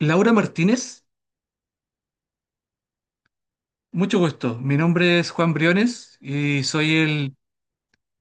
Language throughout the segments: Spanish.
Laura Martínez, mucho gusto. Mi nombre es Juan Briones.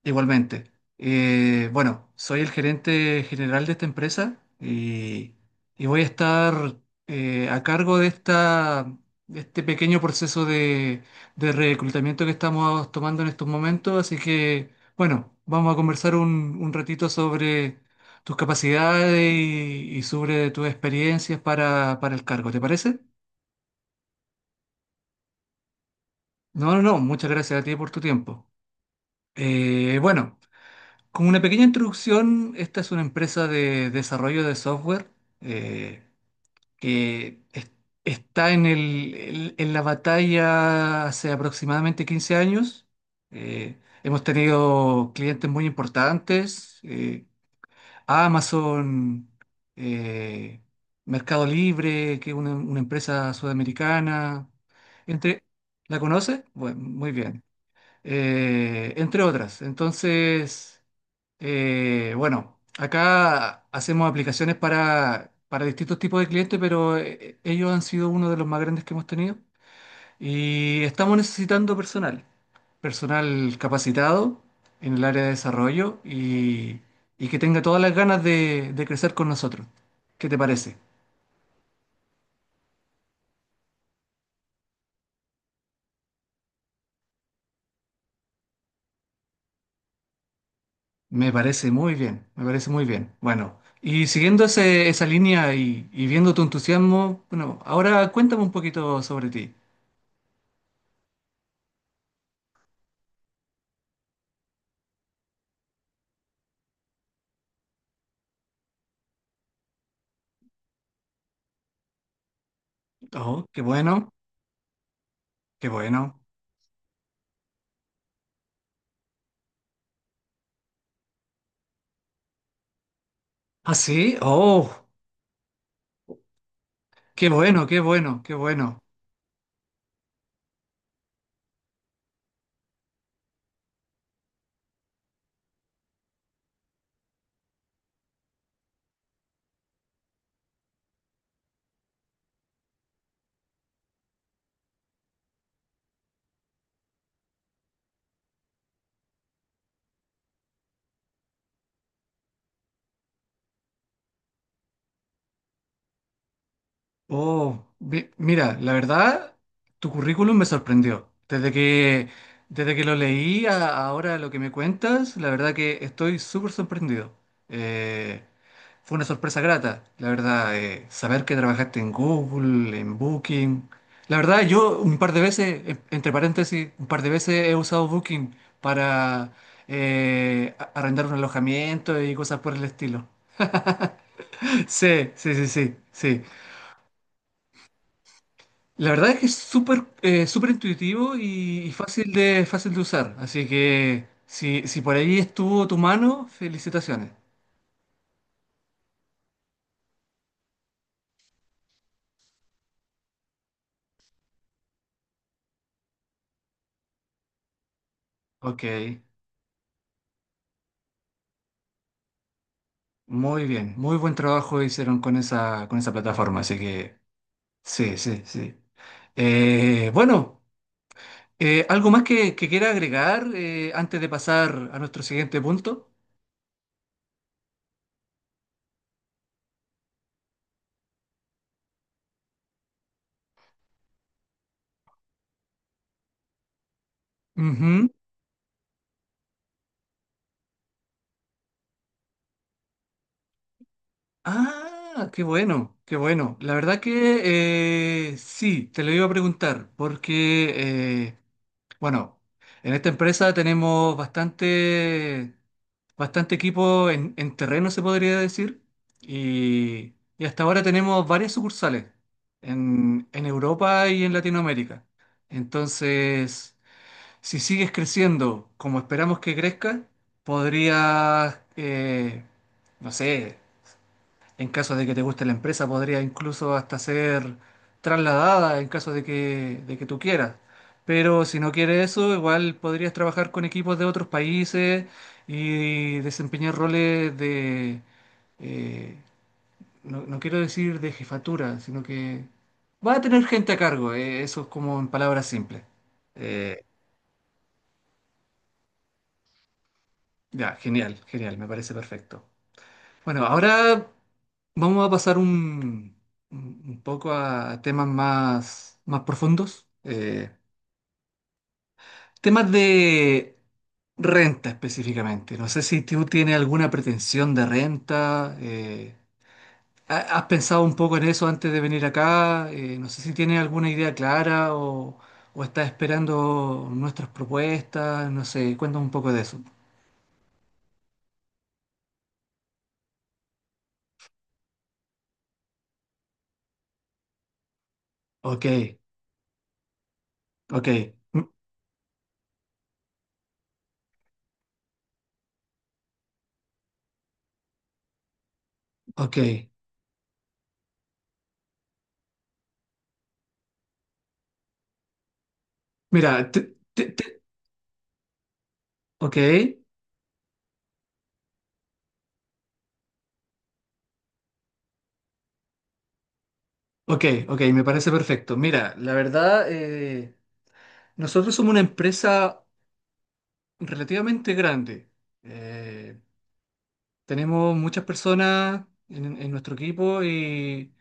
Igualmente. Bueno, soy el gerente general de esta empresa y voy a estar a cargo de de este pequeño proceso de reclutamiento que estamos tomando en estos momentos. Así que, bueno, vamos a conversar un ratito sobre tus capacidades y sobre tus experiencias para el cargo. ¿Te parece? No, no, no, muchas gracias a ti por tu tiempo. Bueno, como una pequeña introducción, esta es una empresa de desarrollo de software. Eh, que es- está en el- En la batalla hace aproximadamente 15 años. Eh, Hemos tenido clientes muy importantes: Amazon, eh, Mercado Libre, que es una empresa sudamericana. Entre, ¿La conoces? Bueno, muy bien. Entre otras. Entonces, bueno, acá hacemos aplicaciones para distintos tipos de clientes, pero ellos han sido uno de los más grandes que hemos tenido y estamos necesitando personal, personal capacitado en el área de desarrollo y que tenga todas las ganas de crecer con nosotros. ¿Qué te parece? Me parece muy bien, me parece muy bien. Bueno, y siguiendo esa línea y viendo tu entusiasmo, bueno, ahora cuéntame un poquito sobre ti. Oh, qué bueno, qué bueno. ¿Ah, sí? Oh, qué bueno, qué bueno, qué bueno. Oh, mira, la verdad, tu currículum me sorprendió. Desde que lo leí a ahora lo que me cuentas, la verdad que estoy súper sorprendido. Eh, Fue una sorpresa grata, la verdad, saber que trabajaste en Google, en Booking. La verdad, yo un par de veces, entre paréntesis, un par de veces he usado Booking para arrendar un alojamiento y cosas por el estilo. Sí, sí, sí, sí, sí. La verdad es que es súper intuitivo y fácil de usar. Así que si por ahí estuvo tu mano, felicitaciones. Ok, muy bien, muy buen trabajo hicieron con con esa plataforma, así que sí, sí, sí. Bueno, ¿algo más que quiera agregar antes de pasar a nuestro siguiente punto? Ujú. Ah, qué bueno, qué bueno. La verdad que sí, te lo iba a preguntar, porque bueno, en esta empresa tenemos bastante equipo en terreno, se podría decir, y, y hasta ahora tenemos varias sucursales en Europa y en Latinoamérica. Entonces, si sigues creciendo como esperamos que crezca, podrías, no sé. En caso de que te guste la empresa, podría incluso hasta ser trasladada en caso de que tú quieras. Pero si no quieres eso, igual podrías trabajar con equipos de otros países y desempeñar roles eh, no, no quiero decir de jefatura, sino que va a tener gente a cargo. Eso es como en palabras simples. Eh, ya, genial, genial, me parece perfecto. Bueno, ahora vamos a pasar un poco a temas más, más profundos. Temas de renta específicamente. No sé si tú tienes alguna pretensión de renta. ¿Has pensado un poco en eso antes de venir acá? No sé si tienes alguna idea clara o estás esperando nuestras propuestas. No sé, cuéntame un poco de eso. Ok, ok, mm, ok. Mira, ok. Ok, ok, me parece perfecto. Mira, la verdad, nosotros somos una empresa relativamente grande. Eh, Tenemos muchas personas en nuestro equipo y,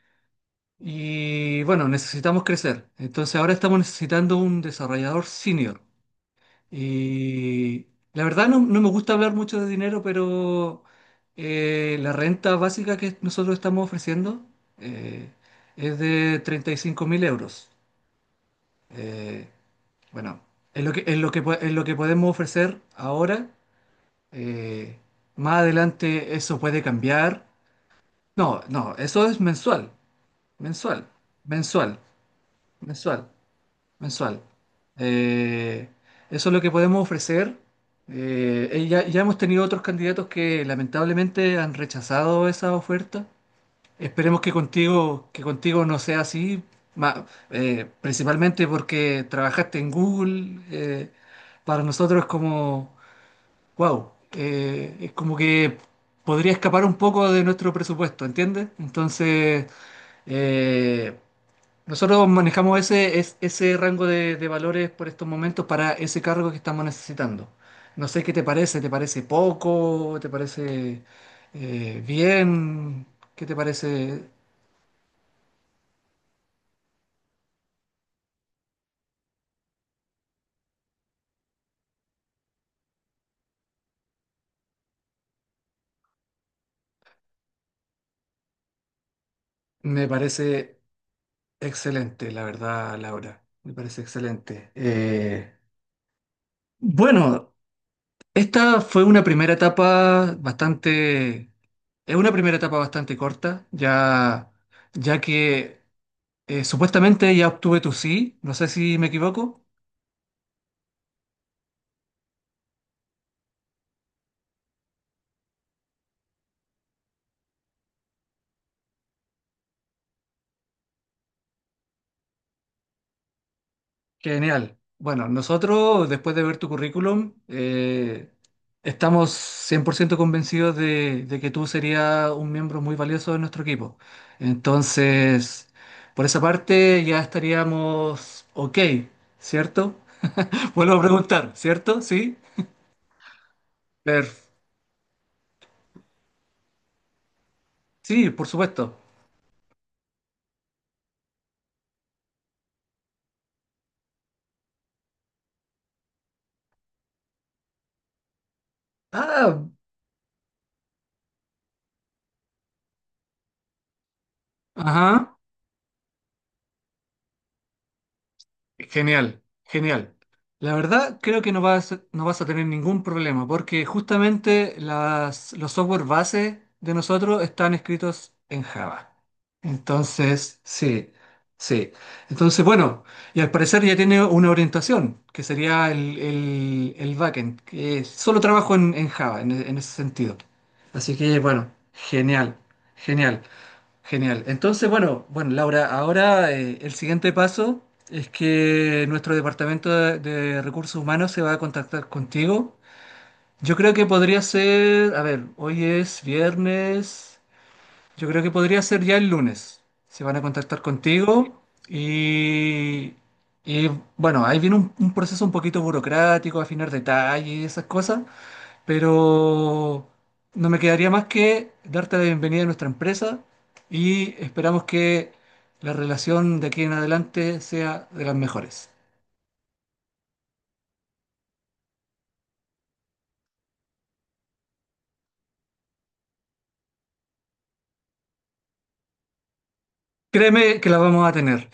y, bueno, necesitamos crecer. Entonces ahora estamos necesitando un desarrollador senior. Y la verdad no, no me gusta hablar mucho de dinero, pero la renta básica que nosotros estamos ofreciendo eh, es de 35.000 euros. Eh, Bueno, es lo que, es lo que podemos ofrecer ahora. eh, Más adelante eso puede cambiar. No, no, eso es mensual, mensual, mensual, mensual, mensual. Eh, Eso es lo que podemos ofrecer. Ya hemos tenido otros candidatos que lamentablemente han rechazado esa oferta. Esperemos que contigo, no sea así. ma- Principalmente porque trabajaste en Google. Para nosotros es como «wow». Es como que podría escapar un poco de nuestro presupuesto, ¿entiendes? Entonces, eh, nosotros manejamos ese rango de valores por estos momentos para ese cargo que estamos necesitando. No sé qué ¿te parece poco? ¿Te parece bien? ¿Qué te parece? Me parece excelente, la verdad, Laura. Me parece excelente. Bueno, esta fue una primera etapa bastante, es una primera etapa bastante corta, ya que supuestamente ya obtuve tu sí, no sé si me equivoco. Genial. Bueno, nosotros, después de ver tu currículum, estamos 100% convencidos de que tú serías un miembro muy valioso de nuestro equipo. Entonces, por esa parte ya estaríamos ok, ¿cierto? Vuelvo a preguntar, ¿cierto? Sí. Per- sí, por supuesto. Ah, ajá. Genial, genial. La verdad, creo que no vas a tener ningún problema, porque justamente los software base de nosotros están escritos en Java. Entonces, sí, sí. Entonces, bueno, y al parecer ya tiene una orientación, que sería el backend, que solo trabajo en Java, en ese sentido. Así que, bueno, genial, genial. Genial. Entonces, bueno, bueno, Laura, ahora el siguiente paso es que nuestro departamento de recursos humanos se va a contactar contigo. Yo creo que podría ser, a ver, hoy es viernes, yo creo que podría ser ya el lunes. Se van a contactar contigo y, y, bueno, ahí viene un proceso un poquito burocrático, afinar detalles y esas cosas, pero no me quedaría más que darte la bienvenida a nuestra empresa y esperamos que la relación de aquí en adelante sea de las mejores. Créeme que la vamos a tener.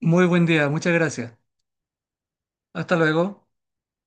Muy buen día, muchas gracias. Hasta luego.